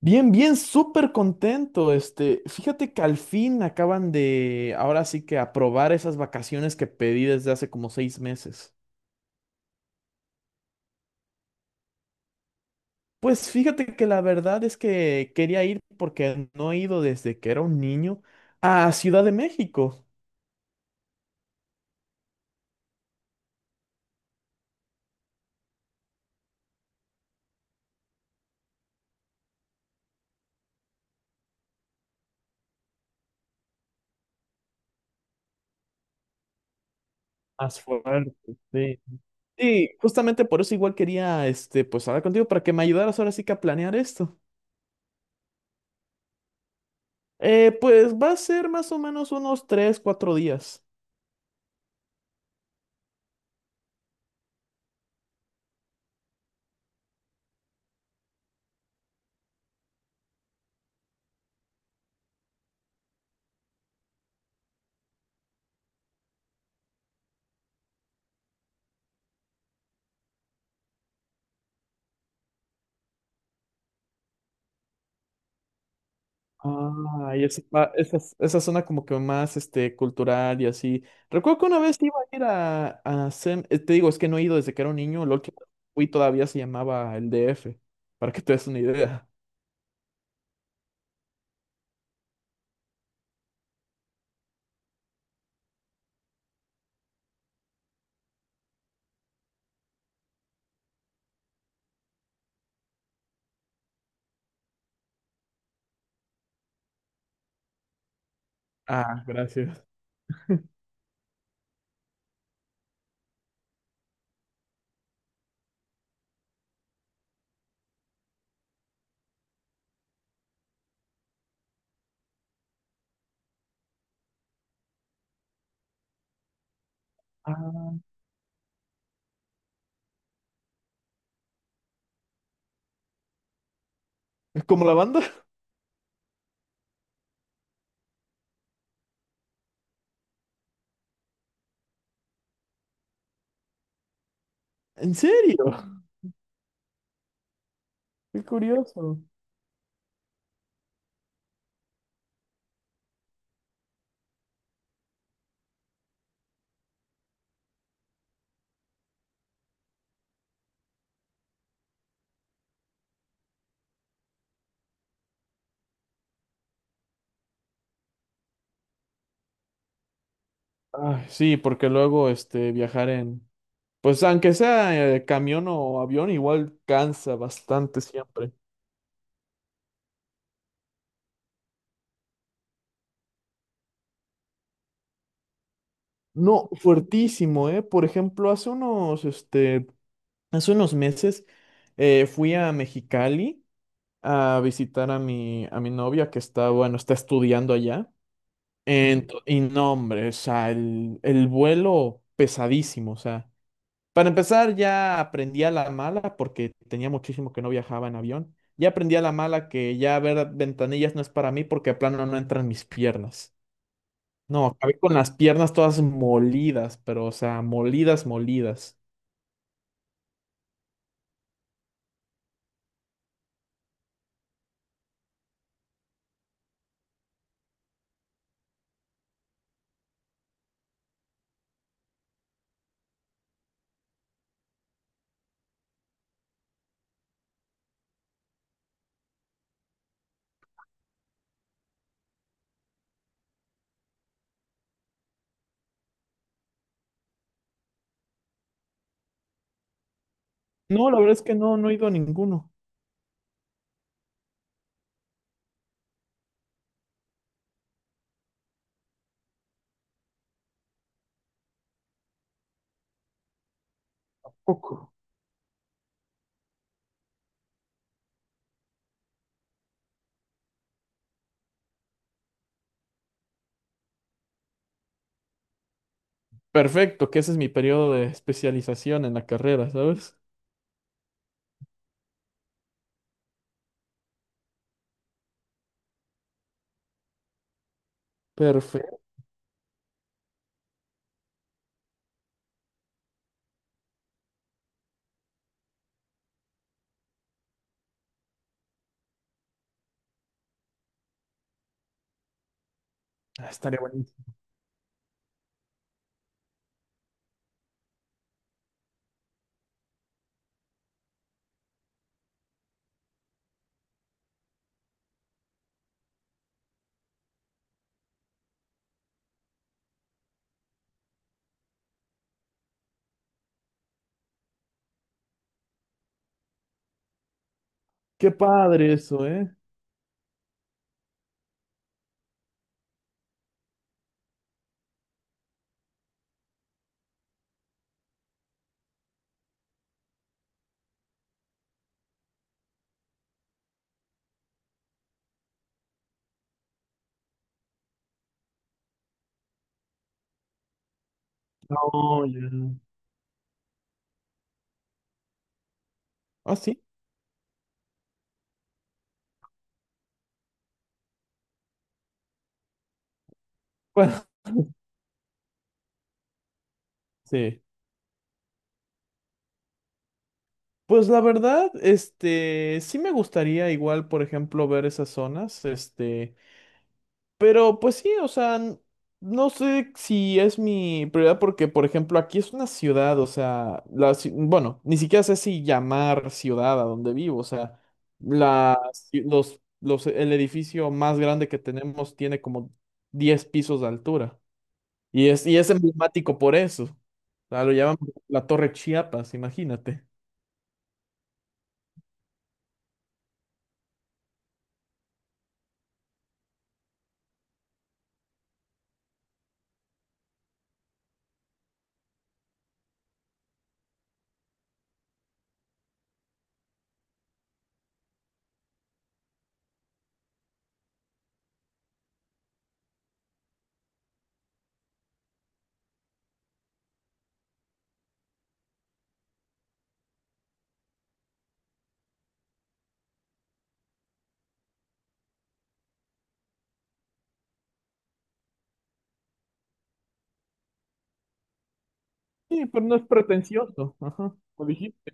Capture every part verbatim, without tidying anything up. Bien, bien, súper contento. Este, fíjate que al fin acaban de, ahora sí que aprobar esas vacaciones que pedí desde hace como seis meses. Pues fíjate que la verdad es que quería ir porque no he ido desde que era un niño a Ciudad de México. Más fuerte, sí. Sí, justamente por eso igual quería, este, pues hablar contigo para que me ayudaras ahora sí que a planear esto. Eh, pues va a ser más o menos unos tres, cuatro días. Ah, y esa, ah, esa, esa zona como que más este, cultural y así. Recuerdo que una vez iba a ir a, a Sem- eh, te digo, es que no he ido desde que era un niño; la última vez que fui todavía se llamaba el D F, para que te des una idea. Ah, gracias. Ah, ¿es como la banda? ¿En serio? Qué curioso. Ay, sí, porque luego este, viajar en, pues aunque sea eh, camión o avión, igual cansa bastante siempre. No, fuertísimo, ¿eh? Por ejemplo, hace unos, este, Hace unos meses eh, fui a Mexicali a visitar a mi, a mi novia que está, bueno, está estudiando allá. Ento- y no, hombre, o sea, el, el vuelo pesadísimo, o sea. Para empezar, ya aprendí a la mala porque tenía muchísimo que no viajaba en avión. Ya aprendí a la mala que ya ver ventanillas no es para mí porque a plano no entran mis piernas. No, acabé con las piernas todas molidas, pero o sea, molidas, molidas. No, la verdad es que no, no he ido a ninguno. Poco. Perfecto, que ese es mi periodo de especialización en la carrera, ¿sabes? Perfecto. Ah, Estaría buenísimo. Qué padre eso, ¿eh? No, ya. Ah, sí. Bueno, sí. Pues la verdad, este, sí me gustaría igual, por ejemplo, ver esas zonas, este. Pero pues sí, o sea, n- no sé si es mi prioridad porque, por ejemplo, aquí es una ciudad, o sea, la, ci- bueno, ni siquiera sé si llamar ciudad a donde vivo. O sea, la, ci- los, los, el edificio más grande que tenemos tiene como diez pisos de altura y es, y es emblemático por eso, o sea, lo llaman la Torre Chiapas, imagínate. Sí, pero no es pretencioso, ajá, lo dijiste.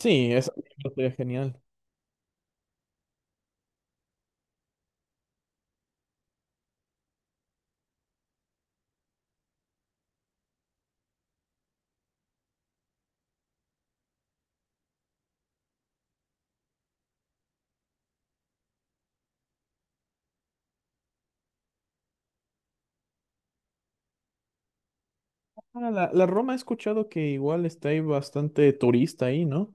Sí, es genial. Ah, la, la Roma he escuchado que igual está ahí bastante turista ahí, ¿no?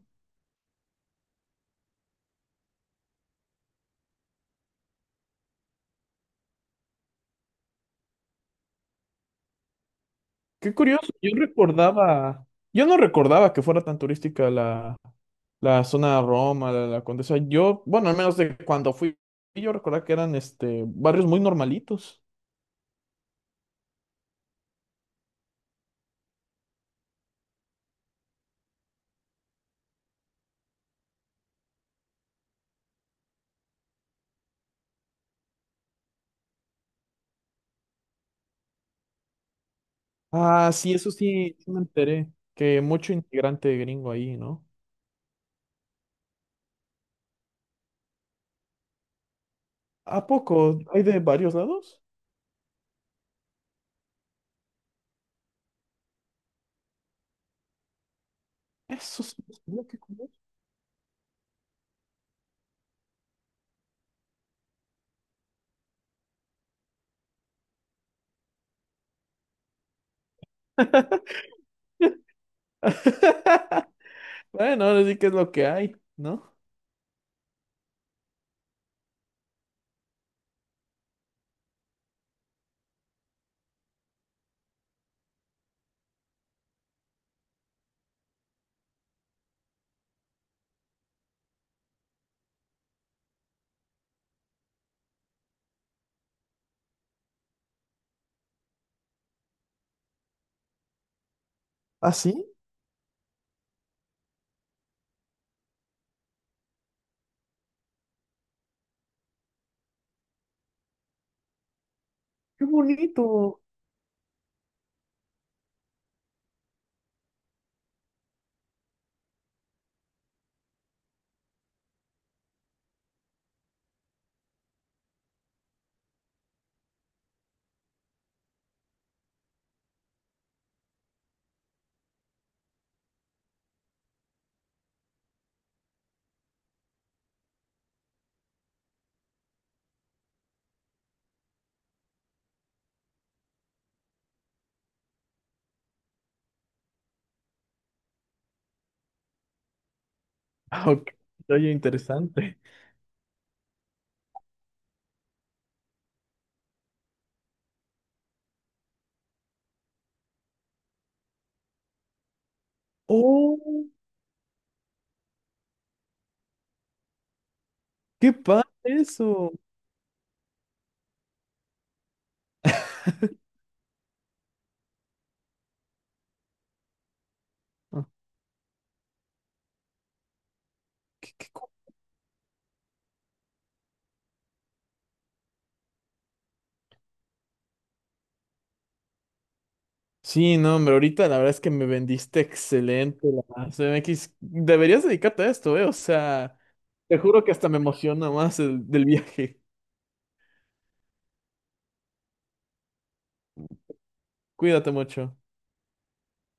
Qué curioso, yo recordaba, yo no recordaba que fuera tan turística la, la zona de Roma, la, la Condesa. Yo, bueno, al menos de cuando fui, yo recordaba que eran este barrios muy normalitos. Ah, sí, eso sí, sí me enteré, que mucho integrante gringo ahí, ¿no? ¿A poco? ¿Hay de varios lados? Eso sí, mira qué curioso. Bueno, ahora sí que es lo que hay, ¿no? ¿Ah, sí? ¡Qué bonito! Ah, ok. Oye, interesante. ¡Oh! ¡Qué padre eso! Ah, qué- qué co- Sí, no, hombre, ahorita la verdad es que me vendiste excelente la C M X. Deberías dedicarte a esto, ¿eh? O sea, te juro que hasta me emociona más el- del viaje. Cuídate mucho.